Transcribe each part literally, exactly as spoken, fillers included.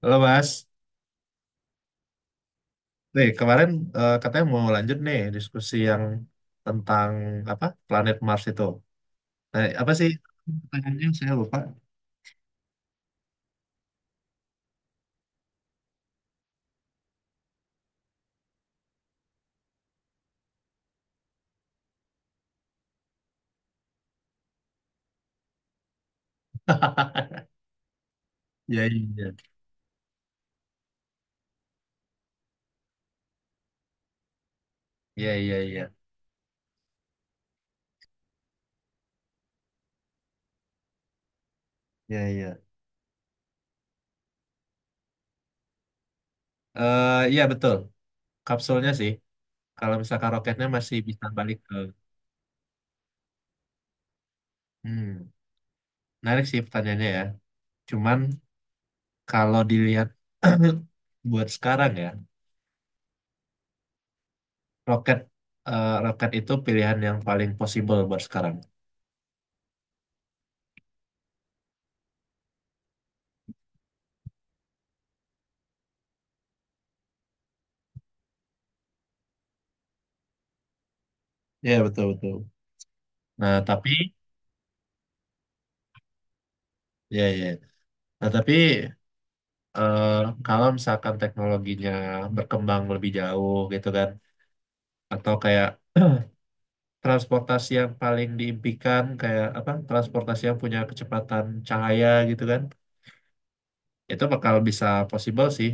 Halo Mas, nih kemarin eh, katanya mau lanjut nih diskusi yang tentang apa planet Mars itu. Nah, apa sih pertanyaannya saya lupa. Iya iya iya iya iya iya iya. Eh, iya betul kapsulnya sih. Kalau misalkan roketnya masih bisa balik ke, hmm, menarik sih pertanyaannya ya. Cuman kalau dilihat buat sekarang ya roket eh, roket itu pilihan yang paling possible buat sekarang. Iya betul betul. Nah tapi ya ya nah, tapi eh, kalau misalkan teknologinya berkembang lebih jauh gitu kan, atau kayak transportasi yang paling diimpikan kayak apa? Transportasi yang punya kecepatan cahaya gitu kan, itu bakal bisa possible sih.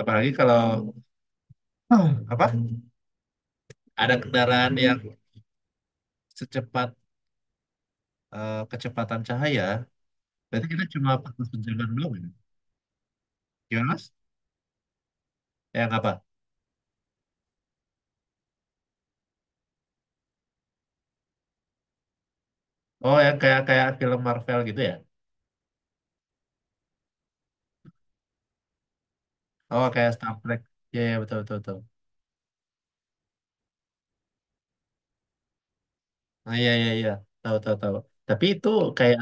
Apalagi kalau apa? Ada kendaraan yang secepat eh, kecepatan cahaya, berarti kita cuma perlu sejalan belum ya? Gimana Mas? Yang apa? Oh, yang kayak kayak film Marvel gitu ya? Oh, kayak Star Trek. Iya, iya, betul, betul, betul. Ah, iya iya iya tahu tahu tahu. Tapi itu kayak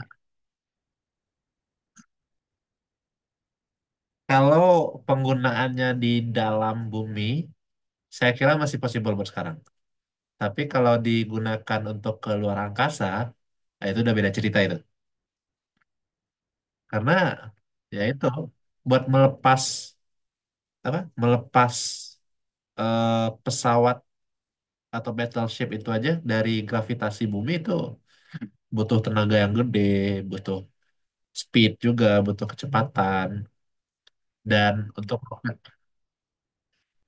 kalau penggunaannya di dalam bumi, saya kira masih possible buat sekarang. Tapi kalau digunakan untuk ke luar angkasa, nah itu udah beda cerita itu. Karena ya itu buat melepas apa? Melepas eh, pesawat atau battleship itu aja dari gravitasi bumi itu butuh tenaga yang gede, butuh speed juga, butuh kecepatan dan untuk roket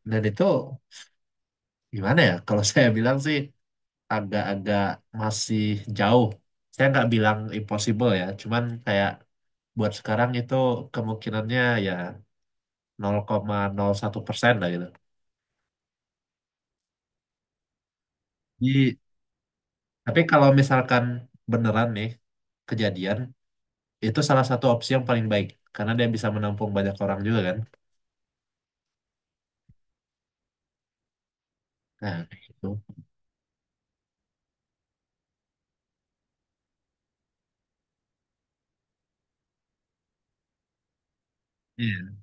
dan itu. Gimana ya? Kalau saya bilang sih agak-agak masih jauh. Saya nggak bilang impossible ya, cuman kayak buat sekarang itu kemungkinannya ya nol nol koma nol satu persen lah gitu. Jadi, tapi kalau misalkan beneran nih kejadian, itu salah satu opsi yang paling baik karena dia bisa menampung banyak orang juga kan. Nah, itu. Iya.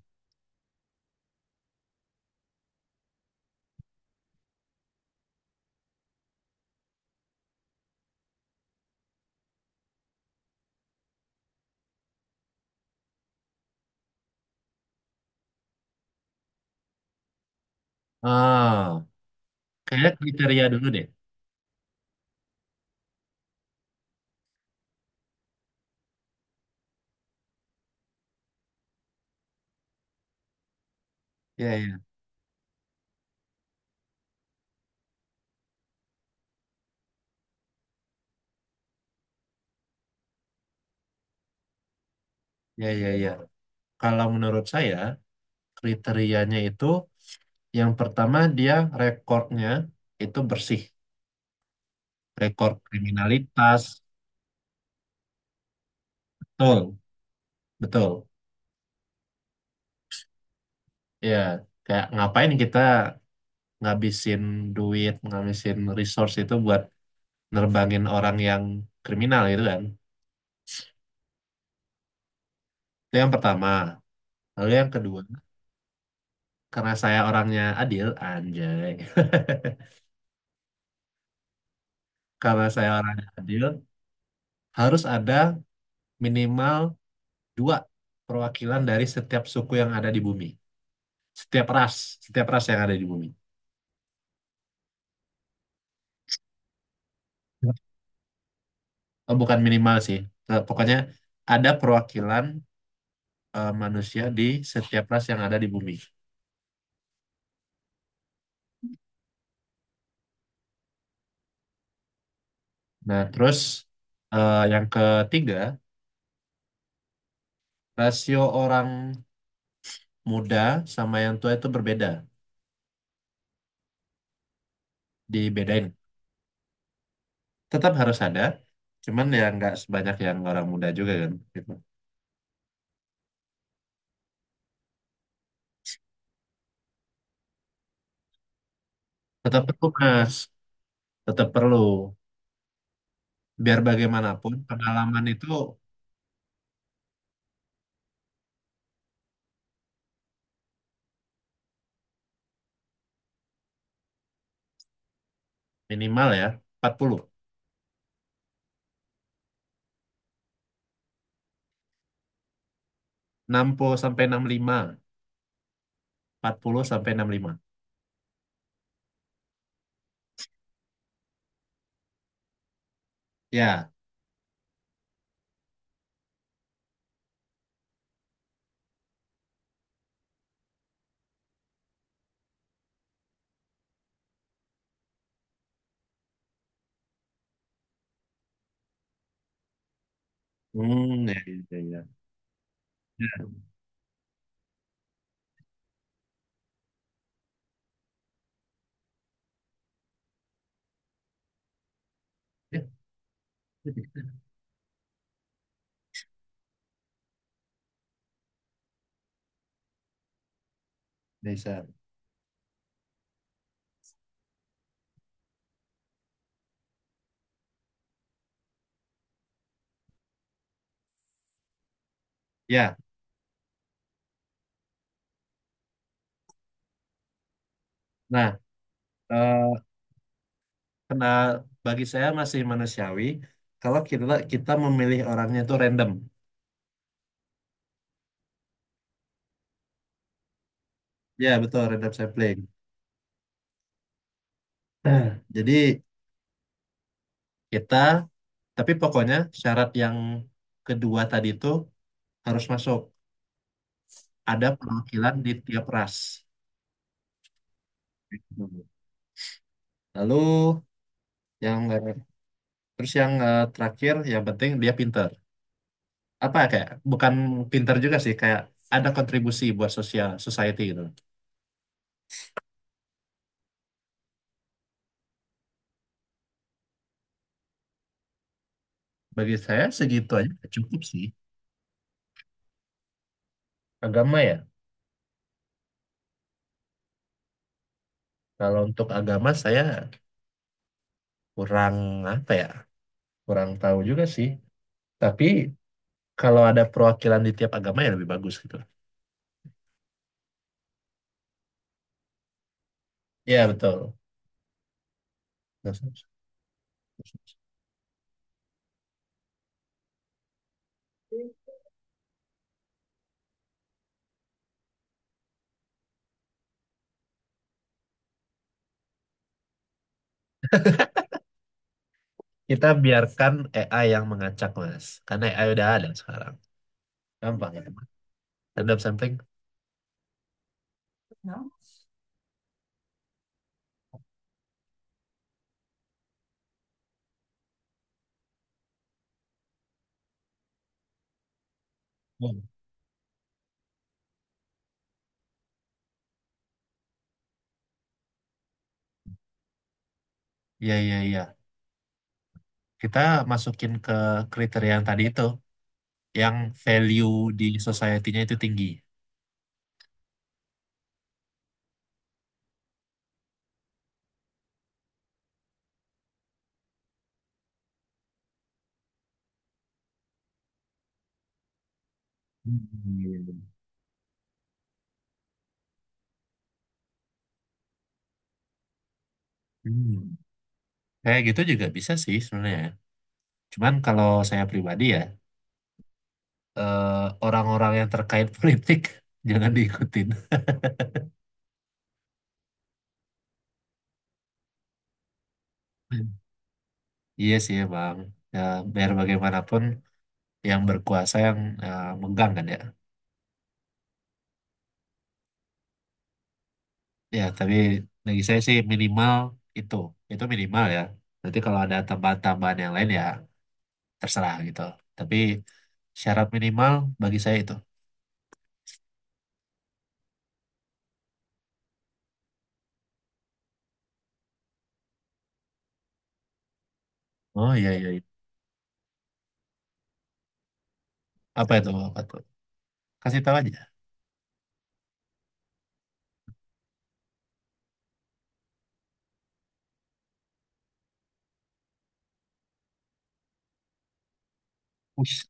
Oh, kayaknya kriteria dulu deh. Iya, iya, iya, iya, iya. Kalau menurut saya kriterianya itu yang pertama dia rekornya itu bersih, rekor kriminalitas, betul, betul. Ya, kayak ngapain kita ngabisin duit, ngabisin resource itu buat nerbangin orang yang kriminal gitu kan. Itu yang pertama. Lalu yang kedua, karena saya orangnya adil, anjay. Karena saya orangnya adil, harus ada minimal dua perwakilan dari setiap suku yang ada di bumi. Setiap ras, setiap ras yang ada di bumi. Oh, bukan minimal sih. Eh, pokoknya ada perwakilan eh, manusia di setiap ras yang ada di bumi. Nah, terus eh, yang ketiga, rasio orang muda sama yang tua itu berbeda, dibedain. Tetap harus ada, cuman ya nggak sebanyak yang orang muda juga kan. Gitu. Tetap perlu, Mas. Tetap perlu. Biar bagaimanapun pengalaman itu minimal ya, empat puluh enam puluh sampai enam puluh lima empat puluh sampai enam puluh lima. Ya. Hmm, ya, ya, ya. Ya, ya, Desa. Ya, nah, eh, kena bagi saya masih manusiawi kalau kita kita memilih orangnya itu random. Ya, betul random sampling. Nah, jadi kita tapi pokoknya syarat yang kedua tadi itu harus masuk. Ada perwakilan di tiap ras. Hmm. Lalu yang eh, terus yang eh, terakhir yang penting dia pinter. Apa ya, kayak bukan pinter juga sih kayak ada kontribusi buat sosial society gitu. Bagi saya segitu aja udah cukup sih. Agama ya. Kalau untuk agama saya kurang apa ya? Kurang tahu juga sih. Tapi kalau ada perwakilan di tiap agama ya lebih bagus gitu. Iya betul. Kita biarkan A I yang mengacak Mas. Karena A I udah ada sekarang. Gampang ya, Mas. Dan sampling. Oh, iya iya iya. Kita masukin ke kriteria yang tadi itu. Yang value di society-nya itu tinggi. Hmm. Hmm. Kayak gitu juga bisa sih sebenarnya. Cuman kalau saya pribadi ya, eh, orang-orang yang terkait politik jangan diikutin. Hmm. Iya sih bang. Ya, biar bagaimanapun yang berkuasa yang eh, megang kan ya. Ya, tapi bagi saya sih minimal itu. Itu minimal ya. Nanti kalau ada tambahan-tambahan yang lain ya terserah gitu. Tapi syarat minimal bagi saya itu. Oh iya iya. Iya. Apa itu? Apa itu? Kasih tahu aja. Ush.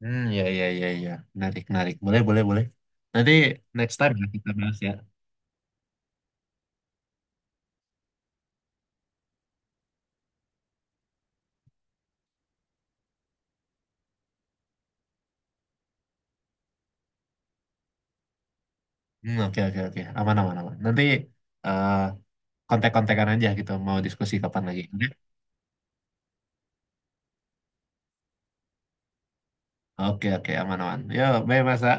Hmm, iya iya iya iya. Menarik menarik. Boleh boleh boleh. Nanti next time ya kita bahas ya. Hmm, oke oke oke aman aman aman nanti eh kontak-kontakan aja gitu mau diskusi kapan lagi. Oke oke oke aman aman yo bye masa